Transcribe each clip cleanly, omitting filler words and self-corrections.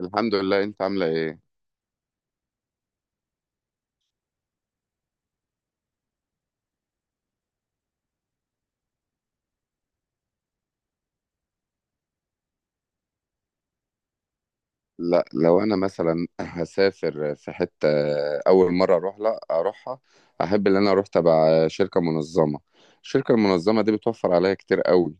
الحمد لله. انت عامله ايه؟ لا، لو انا مثلا هسافر في حته اول مره اروح، لا اروحها، احب ان انا اروح تبع شركه منظمه. الشركه المنظمه دي بتوفر عليا كتير قوي.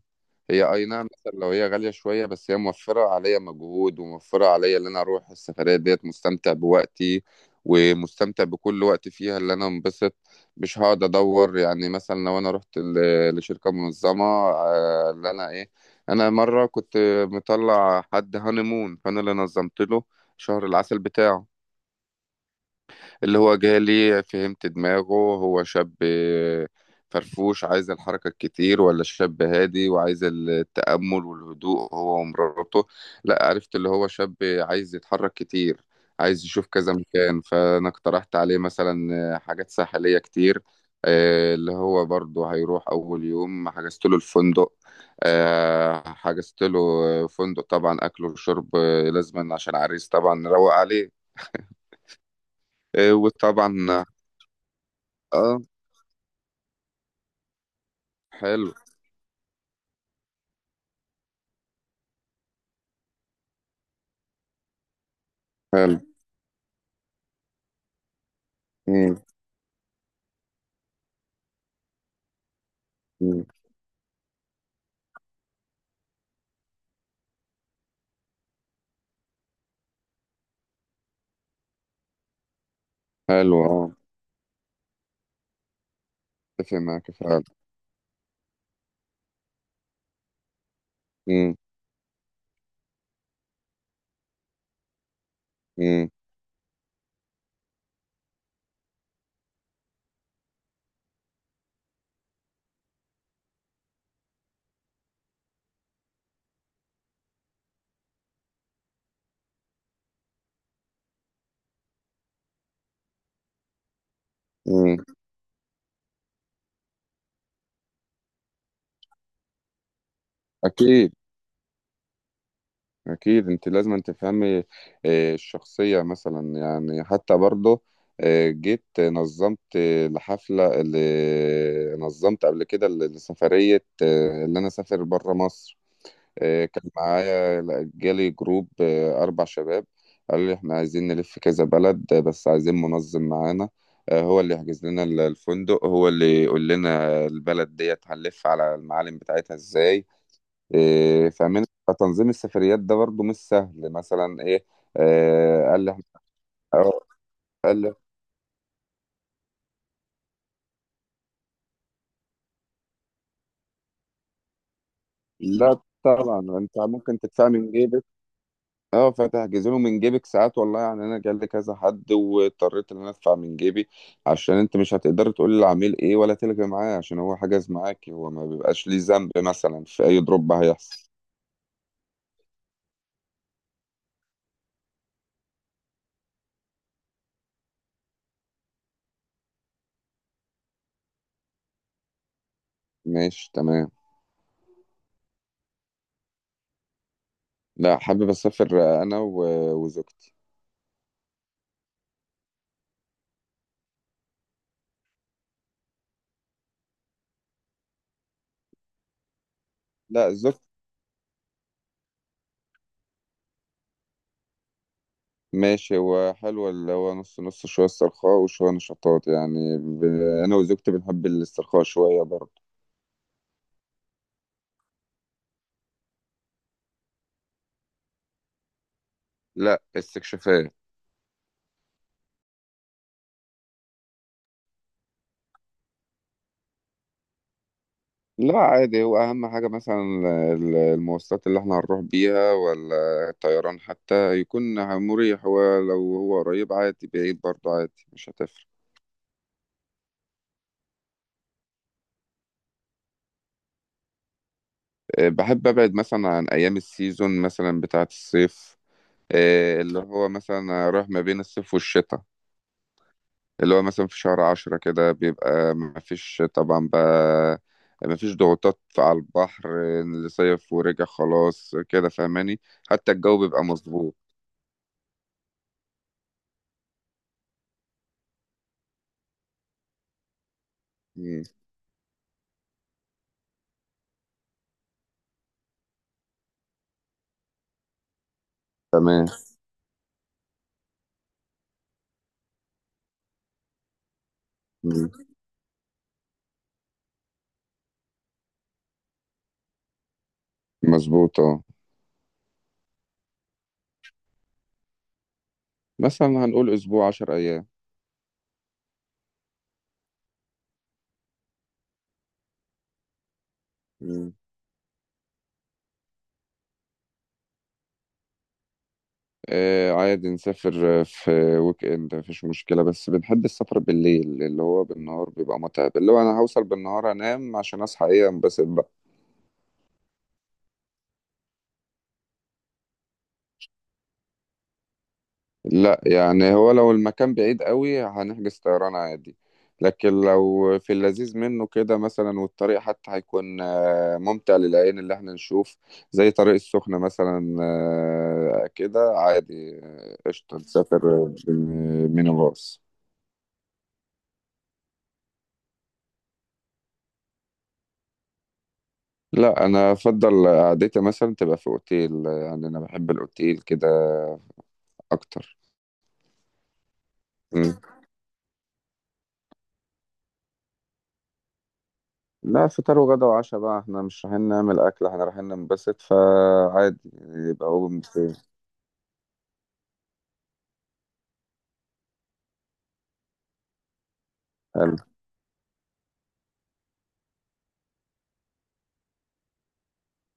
هي اي نعم مثلا لو هي غاليه شويه، بس هي موفره عليا مجهود، وموفره عليا ان انا اروح السفريه ديت مستمتع بوقتي، ومستمتع بكل وقت فيها اللي انا انبسط. مش هقعد ادور، يعني مثلا لو انا رحت لشركه منظمه اللي انا ايه. انا مره كنت مطلع حد هانيمون، فانا اللي نظمت له شهر العسل بتاعه. اللي هو جالي فهمت دماغه، هو شاب فرفوش عايز الحركة الكتير، ولا شاب هادي وعايز التأمل والهدوء هو ومراته. لا، عرفت اللي هو شاب عايز يتحرك كتير، عايز يشوف كذا مكان، فأنا اقترحت عليه مثلا حاجات ساحلية كتير. اللي هو برضه هيروح أول يوم حجزت له الفندق. حجزت له فندق، طبعا أكل وشرب، لازما عشان عريس طبعا نروق عليه. وطبعا. اه، حلو حلو. مم. مم. حلو، اه. اتفق معاك فعلا. مم. مم. مم. اكيد. اكيد انت لازم أن تفهمي الشخصيه، مثلا يعني حتى برضه. جيت نظمت الحفله اللي نظمت قبل كده لسفريه اللي انا اسافر بره مصر. كان معايا، جالي جروب 4 شباب. قالوا لي إحنا عايزين نلف كذا بلد، بس عايزين منظم معانا. هو اللي يحجز لنا الفندق، هو اللي يقول لنا البلد ديت هنلف على المعالم بتاعتها إزاي، فاهمين. فتنظيم السفريات ده برضو مش سهل، مثلا إيه. آه، قال لي إحنا- أو- قال لي. لا، طبعا أنت ممكن تدفع من جيبك. اه، فتحجز له من جيبك ساعات، والله يعني انا جالي كذا حد واضطريت ان انا ادفع من جيبي، عشان انت مش هتقدر تقول للعميل ايه ولا تلغي معاه، عشان هو حجز معاك، هو ما بيبقاش ليه ذنب مثلا في اي دروب هيحصل. ماشي، تمام. لا، حابب اسافر انا وزوجتي. لا، زوجتي. ماشي، هو حلو اللي هو نص نص شوية استرخاء وشوية نشاطات، يعني انا وزوجتي بنحب الاسترخاء شوية برضه. لا، استكشافات. لا، عادي هو، أهم حاجة مثلا المواصلات اللي احنا هنروح بيها، ولا الطيران حتى يكون مريح، ولو هو قريب عادي، بعيد برضه عادي، مش هتفرق. بحب أبعد مثلا عن أيام السيزون مثلا بتاعة الصيف، اللي هو مثلا رايح ما بين الصيف والشتاء. اللي هو مثلا في شهر 10 كده بيبقى مفيش طبعا بقى، مفيش ضغوطات على البحر اللي صيف ورجع خلاص، كده فاهماني، حتى الجو بيبقى مظبوط. مم. تمام، مظبوط، اه. مثلا هنقول اسبوع، 10 ايام. مم. آه، عادي نسافر. في ويك اند مفيش مشكلة، بس بنحب السفر بالليل، اللي هو بالنهار بيبقى متعب، اللي هو انا هوصل بالنهار انام عشان اصحى ايه انبسط. لا، يعني هو لو المكان بعيد قوي هنحجز طيران عادي، لكن لو في اللذيذ منه كده مثلا والطريق حتى هيكون ممتع للعين اللي احنا نشوف، زي طريق السخنة مثلا، كده عادي، قشطة نسافر بالمينيباص. لا، انا افضل قعدتي مثلا تبقى في اوتيل، يعني انا بحب الاوتيل كده اكتر. مم. لا، فطار وغدا وعشاء بقى، احنا مش رايحين نعمل اكل، احنا رايحين ننبسط فعادي، يبقى هو.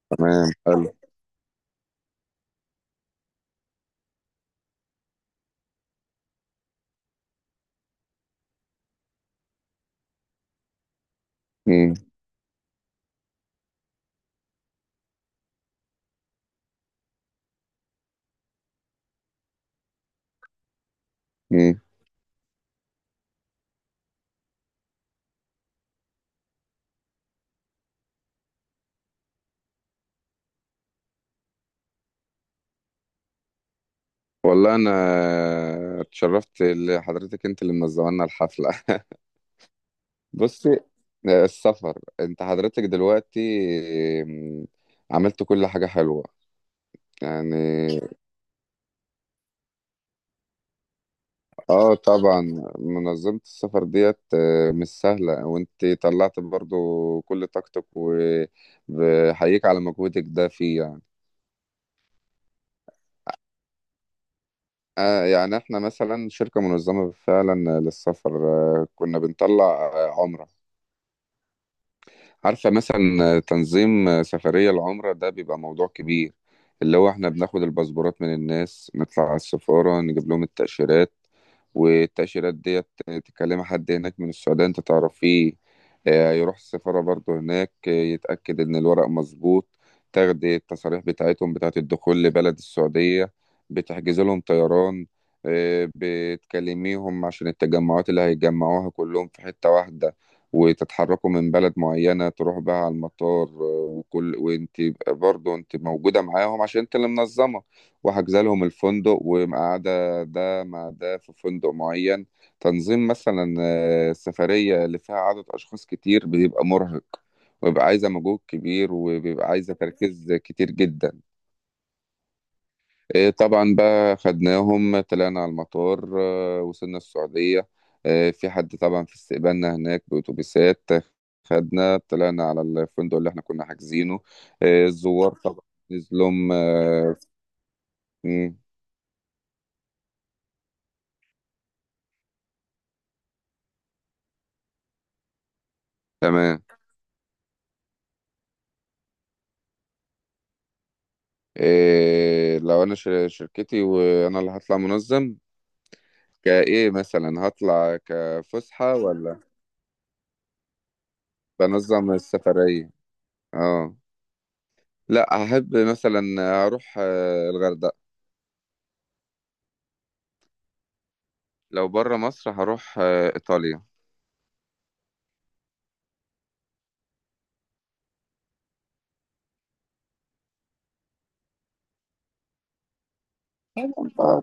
تمام، حلو. مم. مم. والله انا اتشرفت لحضرتك، انت اللي منظمه لنا الحفله. بصي، السفر انت حضرتك دلوقتي. مم. عملت كل حاجه حلوه يعني. اه، طبعا. منظمه السفر ديت مش سهله، وانت طلعت برضو كل طاقتك، وبحييك على مجهودك ده فيه يعني. يعني احنا مثلا شركة منظمة فعلا للسفر، كنا بنطلع عمرة. عارفة مثلا تنظيم سفرية العمرة ده بيبقى موضوع كبير، اللي هو احنا بناخد الباسبورات من الناس، نطلع على السفارة نجيب لهم التأشيرات، والتأشيرات ديت تكلم حد هناك من السعودية انت تعرفيه، يروح السفارة برضه هناك يتأكد ان الورق مظبوط، تاخد التصاريح بتاعتهم بتاعت الدخول لبلد السعودية، بتحجز لهم طيران، بتكلميهم عشان التجمعات اللي هيتجمعوها كلهم في حتة واحدة، وتتحركوا من بلد معينة تروح بقى على المطار، وكل وانت يبقى برضه انت موجودة معاهم عشان انت اللي منظمة، وحاجزة لهم الفندق ومقعدة ده مع ده في فندق معين. تنظيم مثلا سفرية اللي فيها عدد أشخاص كتير بيبقى مرهق، وبيبقى عايزة مجهود كبير، وبيبقى عايزة تركيز كتير جدا. إيه طبعا بقى خدناهم طلعنا على المطار، وصلنا السعودية، في حد طبعا في استقبالنا هناك بأتوبيسات، خدنا طلعنا على الفندق اللي احنا كنا حاجزينه، الزوار طبعا نزلهم. مم. تمام. إيه لو أنا شركتي وأنا اللي هطلع منظم، كإيه مثلا هطلع كفسحة ولا؟ بنظم السفرية. اه. لا، أحب مثلا أروح الغردقة. لو بره مصر هروح إيطاليا. طبعاً.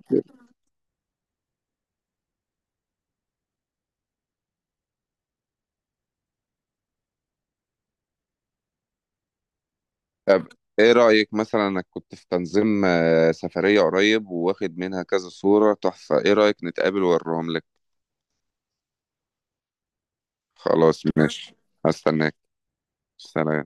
طب إيه رأيك مثلا، أنا كنت في تنظيم سفرية قريب، وواخد منها كذا صورة تحفة، إيه رأيك نتقابل وأوريهم لك؟ خلاص، ماشي. هستناك. سلام.